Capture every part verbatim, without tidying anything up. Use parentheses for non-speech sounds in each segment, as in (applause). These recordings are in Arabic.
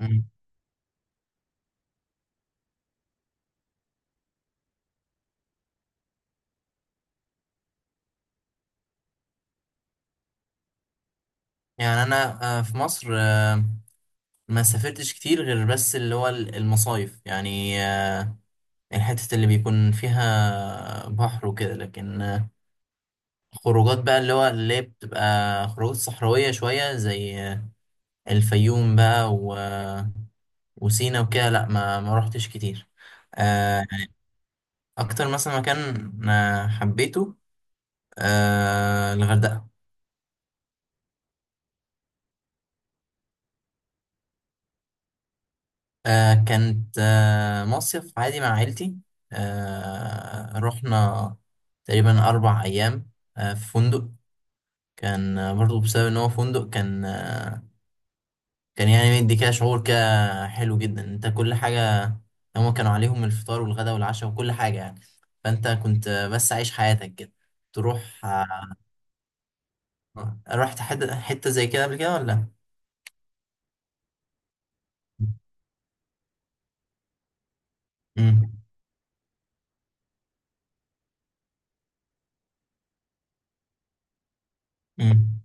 مم. يعني انا آه، في مصر، آه، ما سافرتش كتير غير بس اللي هو ال- المصايف يعني، آه، الحتة اللي بيكون فيها آه، بحر وكده، لكن آه، خروجات بقى اللي هو اللي هي بتبقى خروجات صحراوية شوية زي آه، الفيوم بقى، و- آه، وسينا وكده. لا، ما ما روحتش كتير. آه، اكتر مثلا مكان آه، حبيته آه، الغردقة. آه كانت آه مصيف عادي مع عيلتي. آه رحنا تقريبا أربع أيام آه في فندق. كان آه، برضو بسبب إن هو فندق. كان آه كان يعني مدي كده شعور كده حلو جدا، أنت كل حاجة هما كانوا عليهم الفطار والغداء والعشاء وكل حاجة يعني. فأنت كنت آه، بس عايش حياتك كده تروح. آه رحت حتة حتة زي كده قبل كده ولا؟ مم. مم.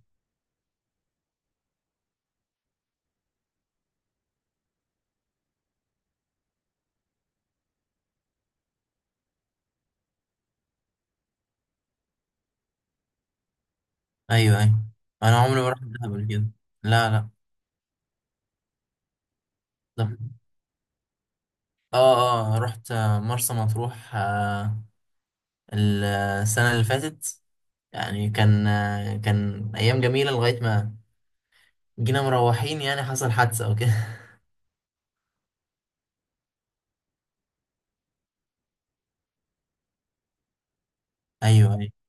أيوه أيوه. أنا عمري ما رحت دهب قبل كده. لا لا. طب. اه اه. رحت آه، مرسى مطروح آه، السنة اللي فاتت. يعني كان آه، كان أيام جميلة لغاية ما جينا مروحين. يعني حصل حادثة أو كده. (laughs) أيوه أيوه.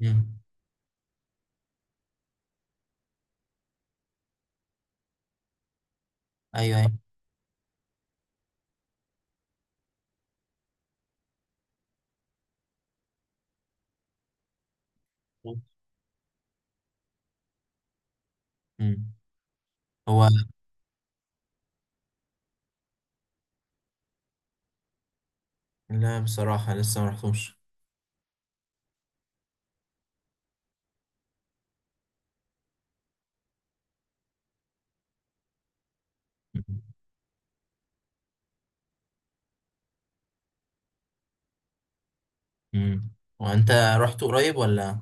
مم. أيوه أيوه. مم. هو لا بصراحة لسه ما رحتوش. مم. وأنت رحت قريب ولا؟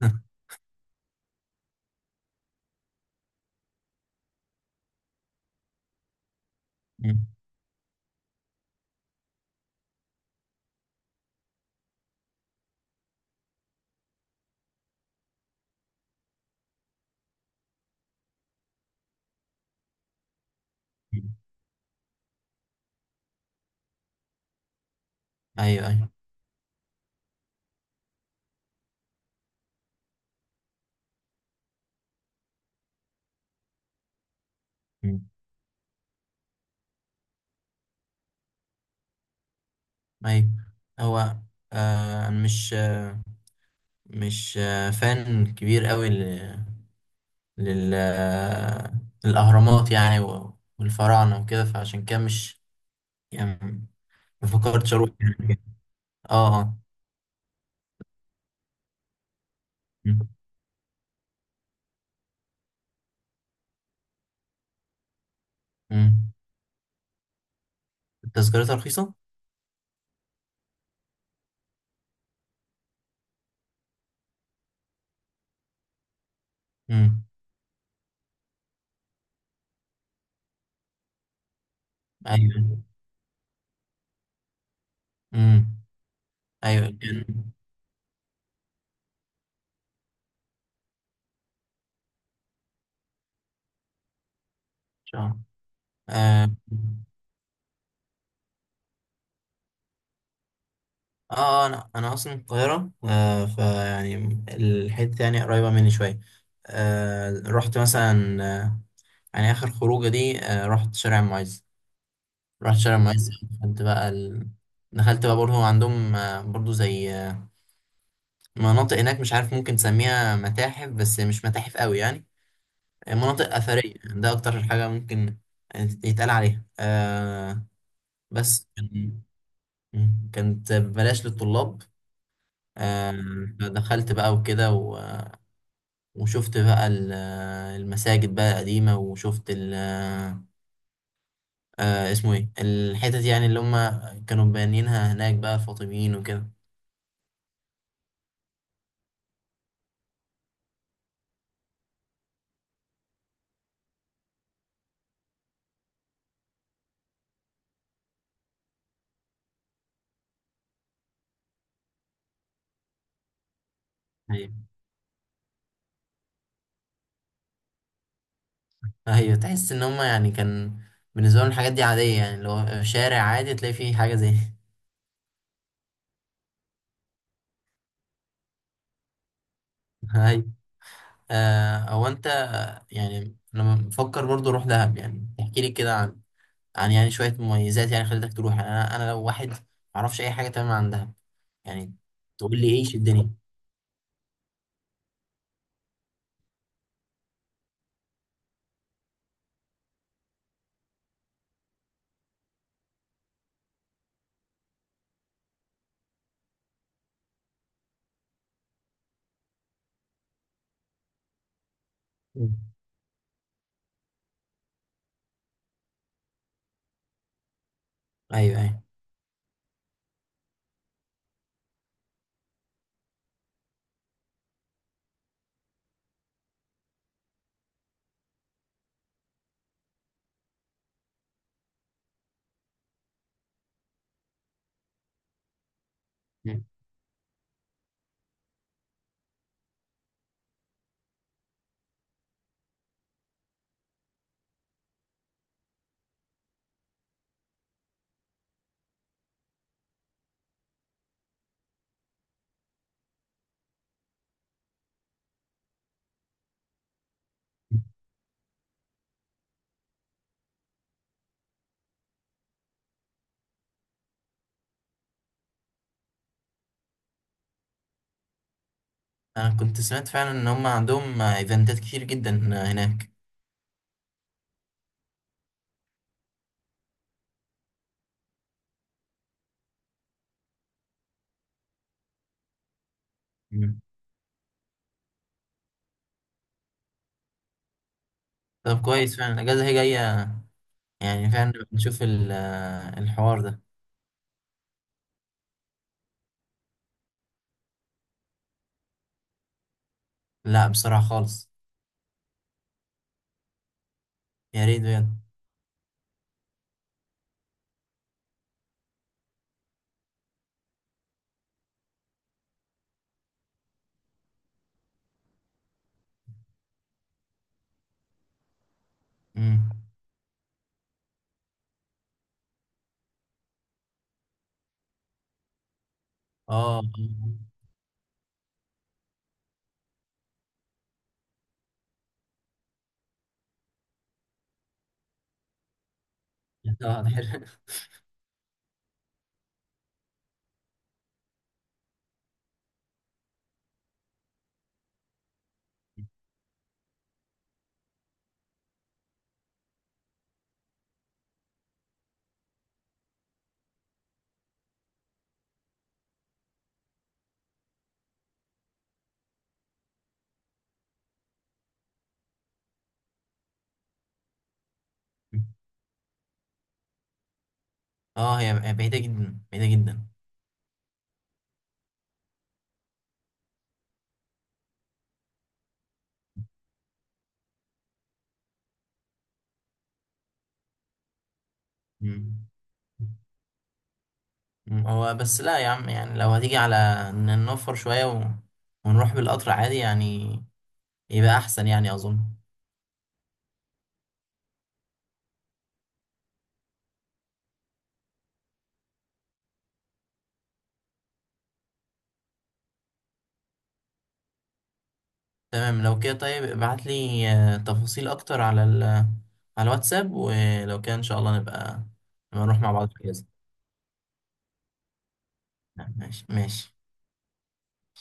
(laughs) مم. أيوه أيوه. مم. أيوه. هو آه مش آه مش آه فان كبير قوي لل الأهرامات، يعني، و- والفراعنة وكده، فعشان كده مش، يعني، ما فكرتش أروح يعني. اه اه. مم. مم. التذكرتها رخيصة؟ مم. أيوة. مم. أيوة كان إن شاء الله. آه آه، آه، أنا أنا أصلا من القاهرة. آه فيعني الحتة يعني قريبة مني شوية. آه رحت مثلا آه يعني آخر خروجة دي آه رحت شارع المعز. رحت شرم الشيخ. دخلت بقى ال... دخلت بقى برضه عندهم آه، برضه زي آه، مناطق هناك. مش عارف ممكن تسميها متاحف بس مش متاحف قوي، يعني آه، مناطق أثرية ده أكتر حاجة ممكن يتقال عليها. آه بس كان- كانت ببلاش للطلاب. آه فدخلت بقى وكده و... وشفت بقى ال- آه، المساجد بقى القديمة. وشفت ال... آه آه، اسمه ايه الحتت يعني اللي هم كانوا بانيينها هناك بقى الفاطميين وكده. ايوه، تحس ان هما يعني كان بالنسبه لهم الحاجات دي عاديه. يعني لو شارع عادي تلاقي فيه حاجه زي... (laughs) ايوه. آه، او انت، يعني انا بفكر برضو اروح دهب. يعني تحكي لي كده عن عن يعني شويه مميزات يعني خلتك تروح. يعني انا انا لو واحد ما اعرفش اي حاجه تمام عن دهب. يعني تقول لي ايش الدنيا. مم. ايوه ايوه. مم. انا كنت سمعت فعلا ان هما عندهم آه، ايفنتات كتير جدا هناك. مم. طب كويس. فعلا الاجازه هي جايه. يعني فعلا نشوف ال- آه، الحوار ده. لا بصراحه خالص. يا ريت بجد. امم. اه. (laughs) اه ده حلو. اه هي بعيدة جدا بعيدة جدا. مم. مم. هو بس لا يا عم، يعني لو هتيجي على ان نوفر شوية و... ونروح بالقطر عادي يعني. يبقى احسن يعني اظن. تمام لو كده. طيب ابعت لي آه، تفاصيل اكتر على ال... على الواتساب. ولو كده ان شاء الله نبقى نبقى نروح مع بعض في الجزء. ماشي ماشي.